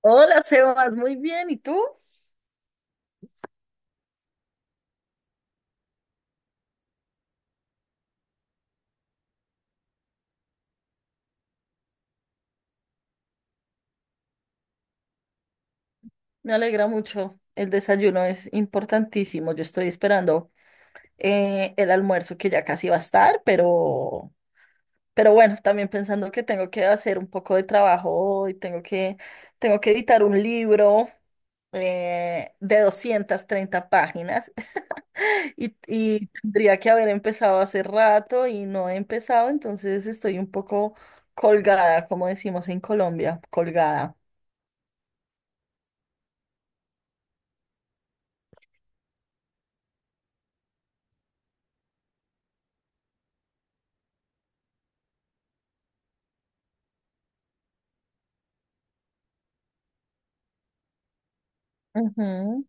Hola, Sebas, muy bien. ¿Y tú? Me alegra mucho. El desayuno es importantísimo. Yo estoy esperando el almuerzo que ya casi va a estar, pero bueno, también pensando que tengo que hacer un poco de trabajo hoy, tengo que editar un libro de 230 páginas y tendría que haber empezado hace rato y no he empezado, entonces estoy un poco colgada, como decimos en Colombia, colgada. Ujú.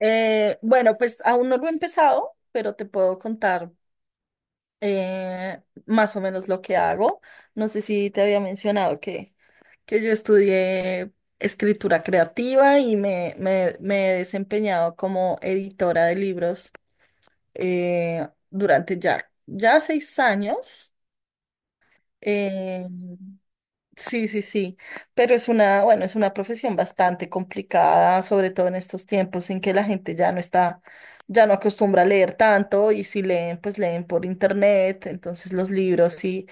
Bueno, pues aún no lo he empezado, pero te puedo contar eh, más o menos lo que hago. No sé si te había mencionado que yo estudié escritura creativa y me he desempeñado como editora de libros durante ya 6 años. Eh, Sí, sí, sí, pero es una, bueno, es una profesión bastante complicada, sobre todo en estos tiempos en que la gente ya no está, ya no acostumbra a leer tanto, y si leen, pues leen por internet, entonces los libros y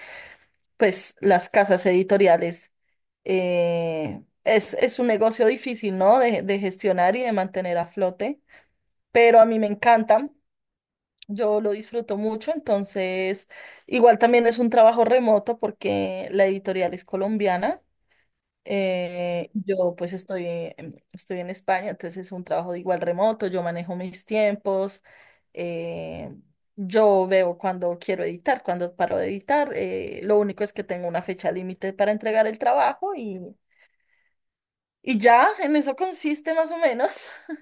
pues las casas editoriales, es un negocio difícil, ¿no? De gestionar y de mantener a flote, pero a mí me encanta, yo lo disfruto mucho, entonces igual también es un trabajo remoto porque la editorial es colombiana. Yo pues estoy en España, entonces es un trabajo igual remoto, yo manejo mis tiempos, eh, yo veo cuando quiero editar, cuando paro de editar, lo único es que tengo una fecha límite para entregar el trabajo y ya, en eso consiste más o menos.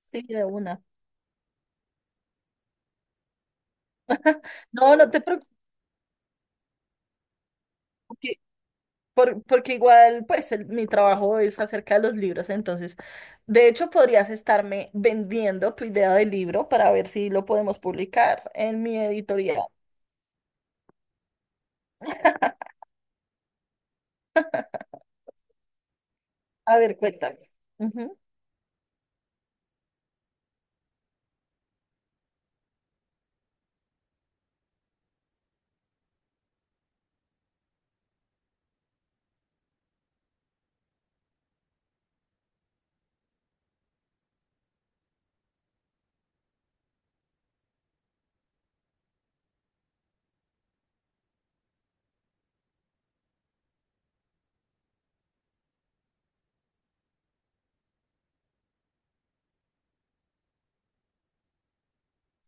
Sí, de una. No, no te preocupes. Porque igual, pues mi trabajo es acerca de los libros, entonces, de hecho, podrías estarme vendiendo tu idea de libro para ver si lo podemos publicar en mi editorial. A ver, cuéntame. Ujú.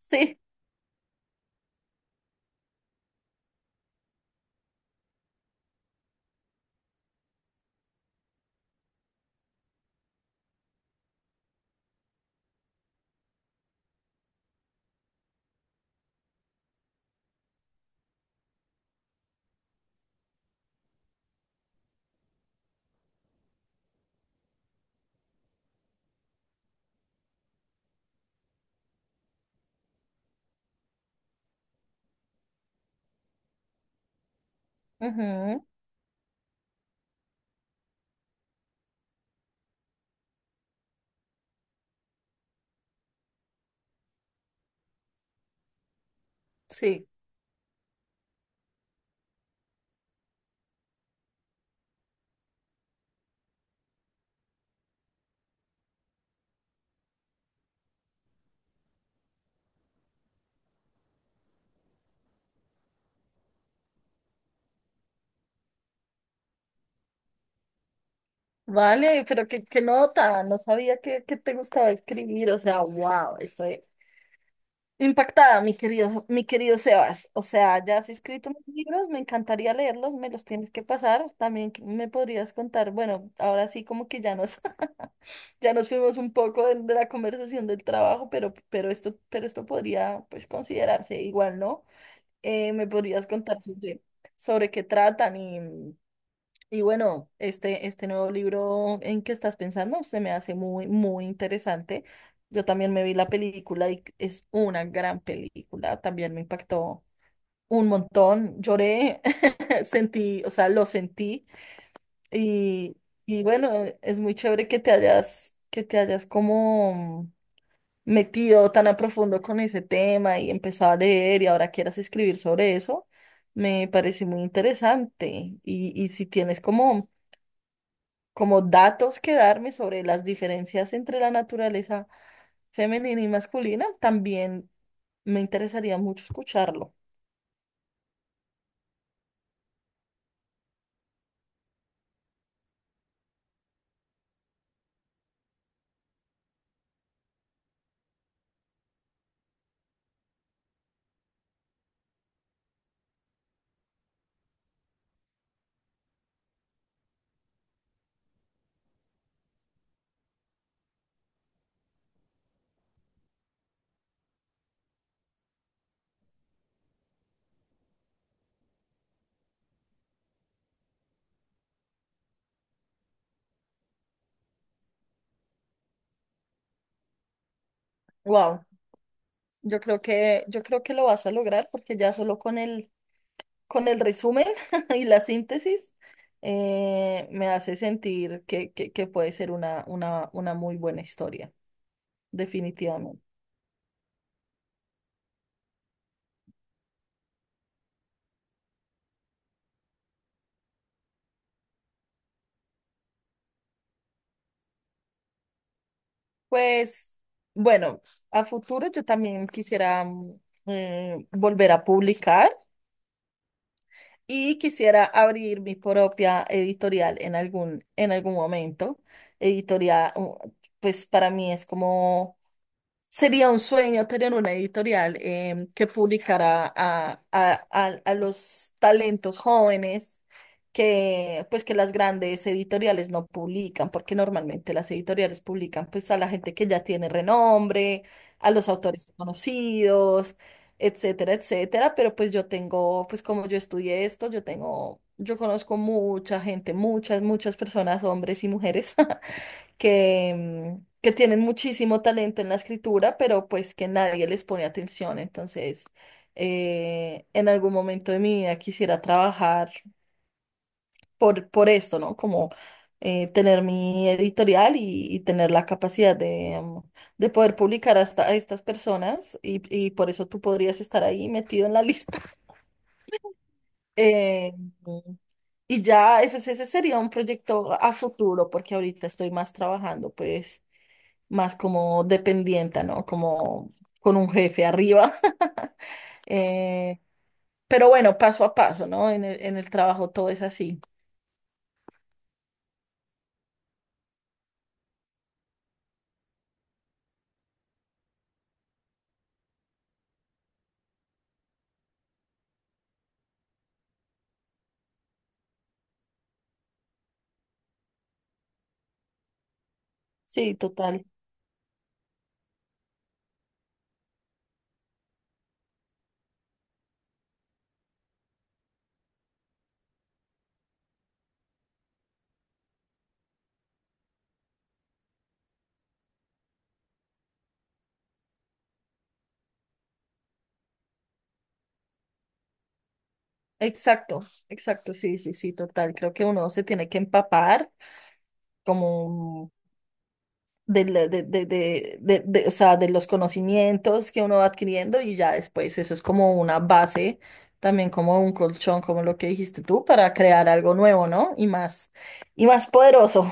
Sí, ujú, sí. Vale, pero qué nota, no sabía que te gustaba escribir, o sea, wow, estoy impactada, mi querido Sebas. O sea, ya has escrito mis libros, me encantaría leerlos, me los tienes que pasar. También me podrías contar, bueno, ahora sí como que ya nos, ya nos fuimos un poco de la conversación del trabajo, pero esto podría pues considerarse igual, ¿no? Me podrías contar sobre, sobre qué tratan, y bueno, este nuevo libro en que estás pensando se me hace muy, muy interesante. Yo también me vi la película y es una gran película. También me impactó un montón. Lloré, sentí, o sea, lo sentí. Y, y bueno, es muy chévere que te hayas como metido tan a profundo con ese tema y empezado a leer y ahora quieras escribir sobre eso. Me parece muy interesante. Y si tienes como como datos que darme sobre las diferencias entre la naturaleza femenina y masculina, también me interesaría mucho escucharlo. Wow, yo creo que lo vas a lograr porque ya solo con el resumen y la síntesis me hace sentir que puede ser una muy buena historia, definitivamente. Pues bueno, a futuro yo también quisiera volver a publicar. Y quisiera abrir mi propia editorial en algún momento. Editorial, pues para mí es como sería un sueño tener una editorial que publicara a, a los talentos jóvenes que pues que las grandes editoriales no publican, porque normalmente las editoriales publican pues a la gente que ya tiene renombre, a los autores conocidos, etcétera, etcétera, pero pues yo tengo, pues como yo estudié esto, yo tengo, yo conozco mucha gente, muchas, muchas personas, hombres y mujeres que, que tienen muchísimo talento en la escritura, pero pues que nadie les pone atención. Entonces, en algún momento de mi vida quisiera trabajar por esto, ¿no? Como tener mi editorial y tener la capacidad de, de poder publicar hasta a estas personas y por eso tú podrías estar ahí metido en la lista. Eh, y ya, pues, ese sería un proyecto a futuro, porque ahorita estoy más trabajando, pues más como dependienta, ¿no? Como con un jefe arriba. Eh, pero bueno, paso a paso, ¿no? En el trabajo todo es así. Sí, total. Exacto, exacto, sí, sí, sí, total. Creo que uno se tiene que empapar como de, de, o sea, de los conocimientos que uno va adquiriendo, y ya después eso es como una base, también como un colchón, como lo que dijiste tú, para crear algo nuevo, ¿no? Y más poderoso.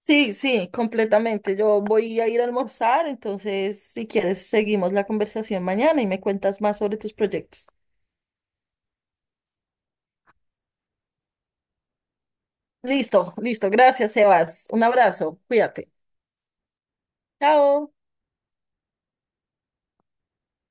Sí, sí, completamente. Yo voy a ir a almorzar, entonces si quieres seguimos la conversación mañana y me cuentas más sobre tus proyectos. Listo, listo. Gracias, Sebas. Un abrazo. Cuídate. Chao.